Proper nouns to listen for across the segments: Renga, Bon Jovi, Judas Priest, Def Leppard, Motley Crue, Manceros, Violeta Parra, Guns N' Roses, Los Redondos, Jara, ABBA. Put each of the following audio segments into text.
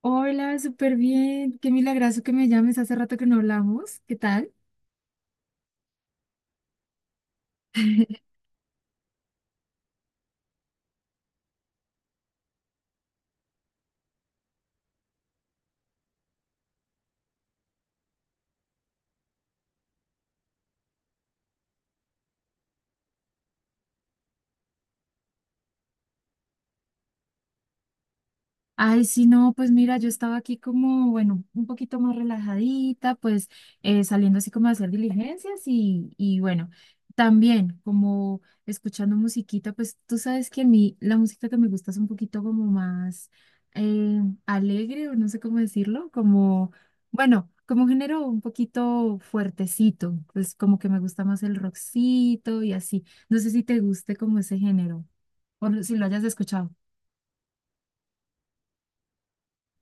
Hola, súper bien. Qué milagroso que me llames. Hace rato que no hablamos. ¿Qué tal? Ay, sí, no, pues mira, yo estaba aquí como, bueno, un poquito más relajadita, pues saliendo así como a hacer diligencias y bueno, también como escuchando musiquita, pues tú sabes que a mí la música que me gusta es un poquito como más alegre o no sé cómo decirlo, como, bueno, como un género un poquito fuertecito, pues como que me gusta más el rockcito y así. No sé si te guste como ese género o no, si lo hayas escuchado.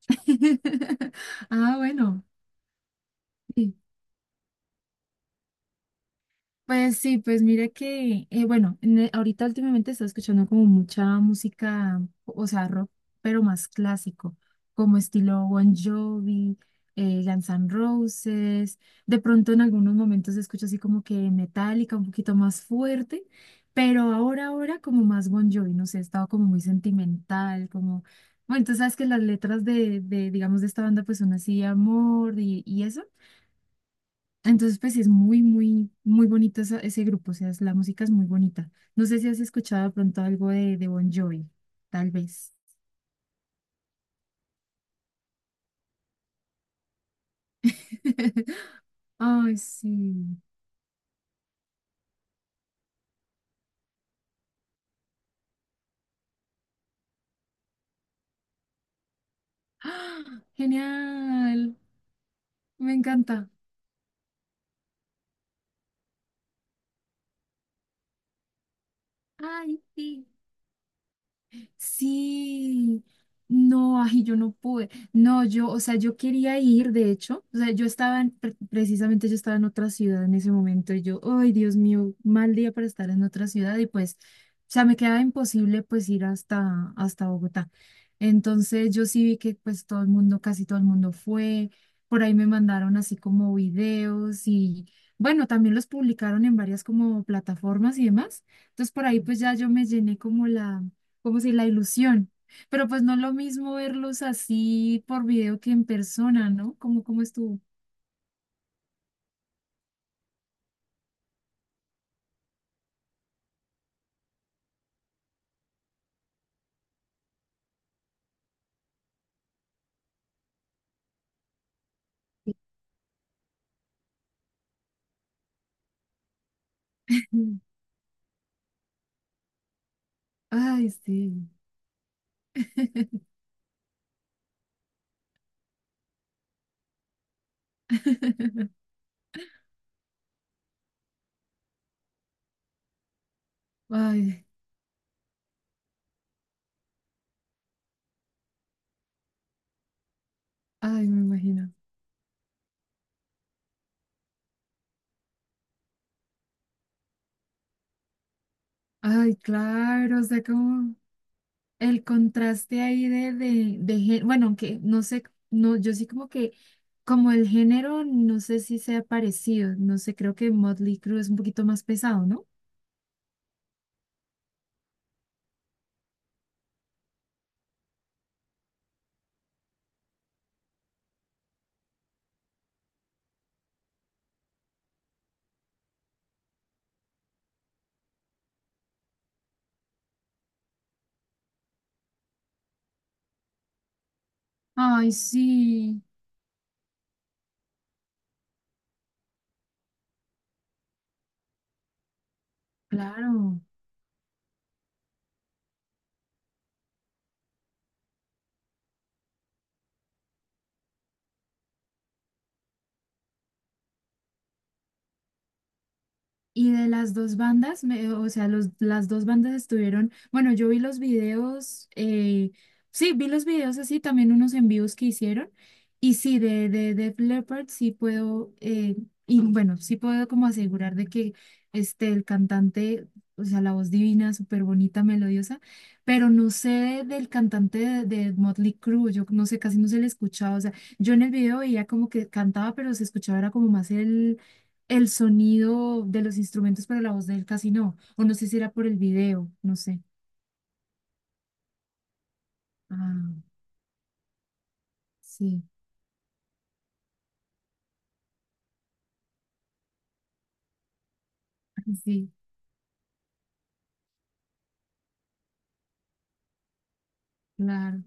Ah, bueno. Sí. Pues sí, pues mira que, bueno, ahorita últimamente está escuchando como mucha música, o sea, rock, pero más clásico, como estilo Bon Jovi, Guns N' Roses. De pronto en algunos momentos escucho así como que metálica, un poquito más fuerte, pero ahora como más Bon Jovi, no sé, he estado como muy sentimental, como, bueno, tú sabes que las letras de digamos, de esta banda pues son así, amor y eso. Entonces, pues sí es muy bonito ese grupo, o sea, la música es muy bonita. No sé si has escuchado de pronto algo de Bon Jovi, tal vez. Ay, sí. ¡Ah! Genial, me encanta. Ay, sí. Sí, no, ay, yo no pude. No, yo, o sea, yo quería ir, de hecho, o sea, yo estaba, en- pre- precisamente yo estaba en otra ciudad en ese momento y yo, ay, Dios mío, mal día para estar en otra ciudad y pues, o sea, me quedaba imposible pues ir hasta Bogotá. Entonces yo sí vi que pues todo el mundo, casi todo el mundo fue, por ahí me mandaron así como videos y bueno, también los publicaron en varias como plataformas y demás. Entonces por ahí pues ya yo me llené como la como si la ilusión. Pero pues no es lo mismo verlos así por video que en persona, ¿no? ¿Cómo estuvo? Ay, sí. Ay, ay, me imagino. Ay, claro, o sea, como el contraste ahí bueno, aunque no sé, no, yo sí como que, como el género, no sé si sea parecido, no sé, creo que Motley Crue es un poquito más pesado, ¿no? Ay, sí, claro. Y de las dos bandas, las dos bandas estuvieron, bueno, yo vi los videos, sí, vi los videos así, también unos envíos que hicieron, y sí, de Def Leppard sí puedo, y bueno, sí puedo como asegurar de que este, el cantante, o sea, la voz divina, súper bonita, melodiosa, pero no sé del cantante de Motley Crue, yo no sé, casi no se le escuchaba, o sea, yo en el video veía como que cantaba, pero se escuchaba, era como más el sonido de los instrumentos, para la voz de él casi no. O no sé si era por el video, no sé. Ah, sí, sí, claro.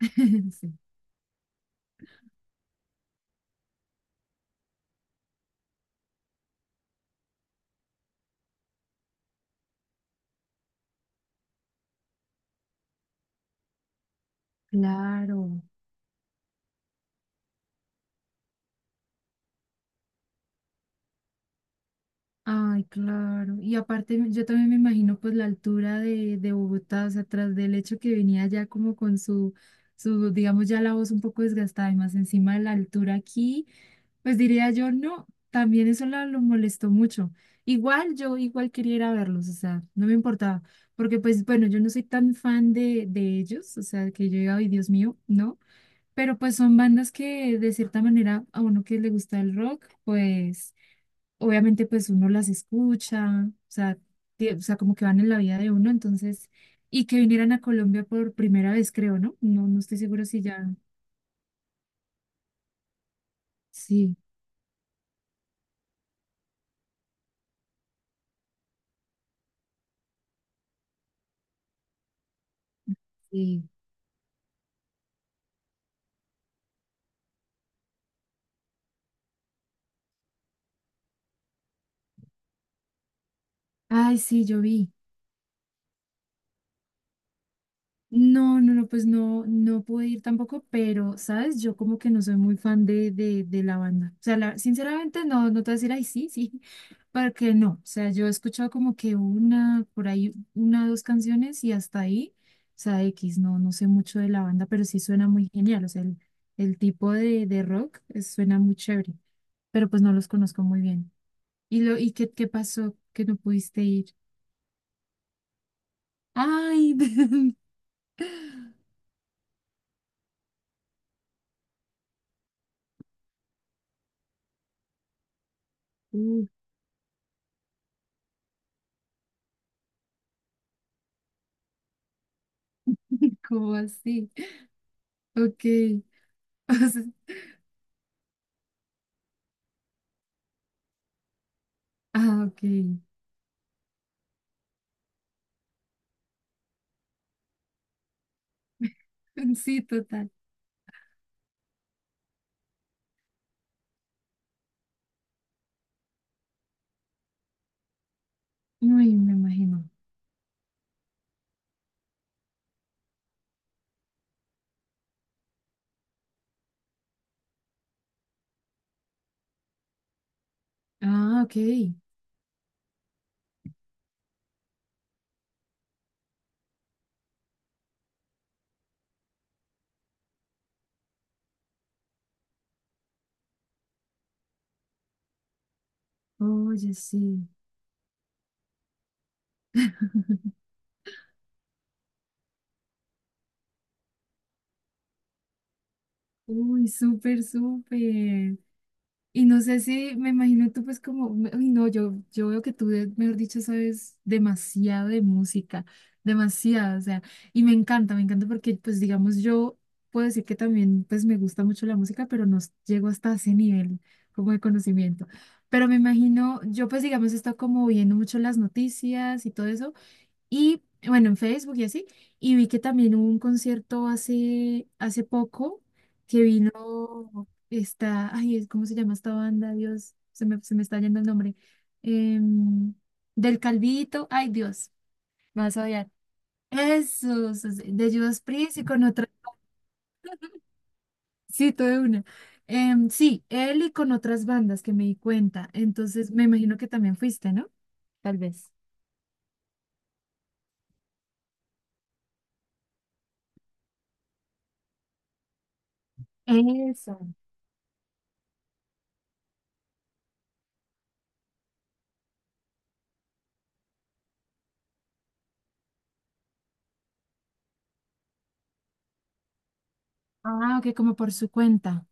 Sí, claro. Ay, claro. Y aparte, yo también me imagino pues la altura de Bogotá, o sea, tras del hecho que venía ya como con su, su, digamos, ya la voz un poco desgastada y más encima de la altura aquí. Pues diría yo, no, también eso lo molestó mucho. Igual yo igual quería ir a verlos, o sea, no me importaba, porque pues bueno, yo no soy tan fan de ellos, o sea, que yo diga, ay, Dios mío, no, pero pues son bandas que de cierta manera a uno que le gusta el rock, pues obviamente pues uno las escucha, o sea, como que van en la vida de uno, entonces, y que vinieran a Colombia por primera vez, creo, ¿no? No, no estoy seguro si ya, sí, sí. Ay, sí, yo vi. No, pues no, no pude ir tampoco, pero, ¿sabes? Yo como que no soy muy fan de la banda. O sea, sinceramente no, no te voy a decir, ay, sí, sí, para porque no. O sea, yo he escuchado como que una, por ahí, una, dos canciones y hasta ahí, o sea, X, no, no sé mucho de la banda, pero sí suena muy genial. O sea, el tipo de rock suena muy chévere, pero pues no los conozco muy bien. ¿Y qué pasó que no pudiste ir? Ay, uh, ¿cómo así? Ok. O sea, ah, ok. Sí, total. Uy, me imagino. Ah, ok. Oye, sí. Uy, súper, súper. Y no sé si, me imagino tú pues como, uy, no, yo veo que tú, mejor dicho, sabes demasiado de música, demasiado, o sea, y me encanta porque pues digamos yo puedo decir que también pues me gusta mucho la música, pero no llego hasta ese nivel como de conocimiento. Pero me imagino, yo pues digamos he estado como viendo mucho las noticias y todo eso. Y bueno, en Facebook y así. Y vi que también hubo un concierto hace poco. No, está, ay, ¿cómo se llama esta banda? Dios, se me está yendo el nombre. Em, del Calvito, ay, Dios, me vas a odiar. Eso, sí, sí, de Judas Priest y con otra, sí, todo de una. Sí, él y con otras bandas que me di cuenta. Entonces, me imagino que también fuiste, ¿no? Tal vez. Eso. Ah, ok, como por su cuenta.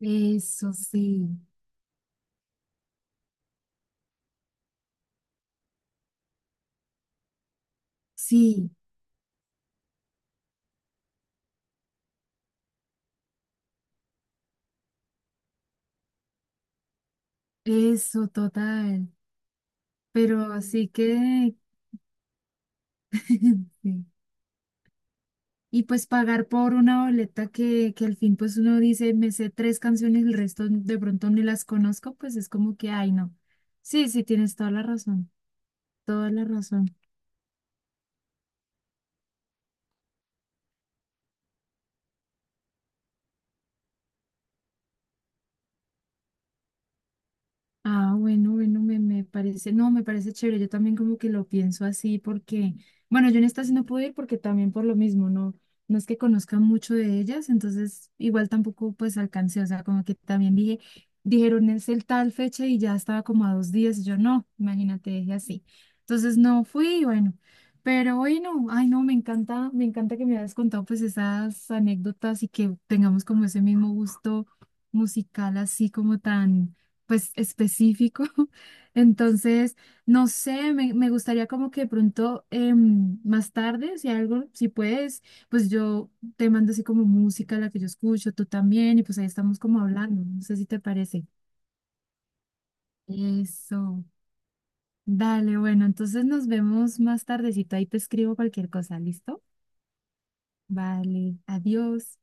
Eso sí. Sí, eso, total. Pero así que... sí. Y pues pagar por una boleta que al fin pues uno dice, me sé tres canciones, el resto de pronto ni las conozco, pues es como que, ay, no. Sí, sí, tienes toda la razón, toda la razón. Ah, bueno, me parece, no, me parece chévere, yo también como que lo pienso así porque, bueno, yo en esta sí no puedo ir porque también por lo mismo, no, no es que conozca mucho de ellas, entonces igual tampoco pues alcancé, o sea, como que también dije, dijeron es el tal fecha y ya estaba como a 2 días, y yo no, imagínate, dije así, entonces no fui, y bueno, pero bueno, ay no, me encanta que me hayas contado pues esas anécdotas y que tengamos como ese mismo gusto musical así como tan pues específico. Entonces, no sé, me gustaría como que de pronto más tarde, si algo, si puedes, pues yo te mando así como música, la que yo escucho, tú también, y pues ahí estamos como hablando. No sé si te parece. Eso. Dale, bueno, entonces nos vemos más tardecito. Ahí te escribo cualquier cosa, ¿listo? Vale, adiós.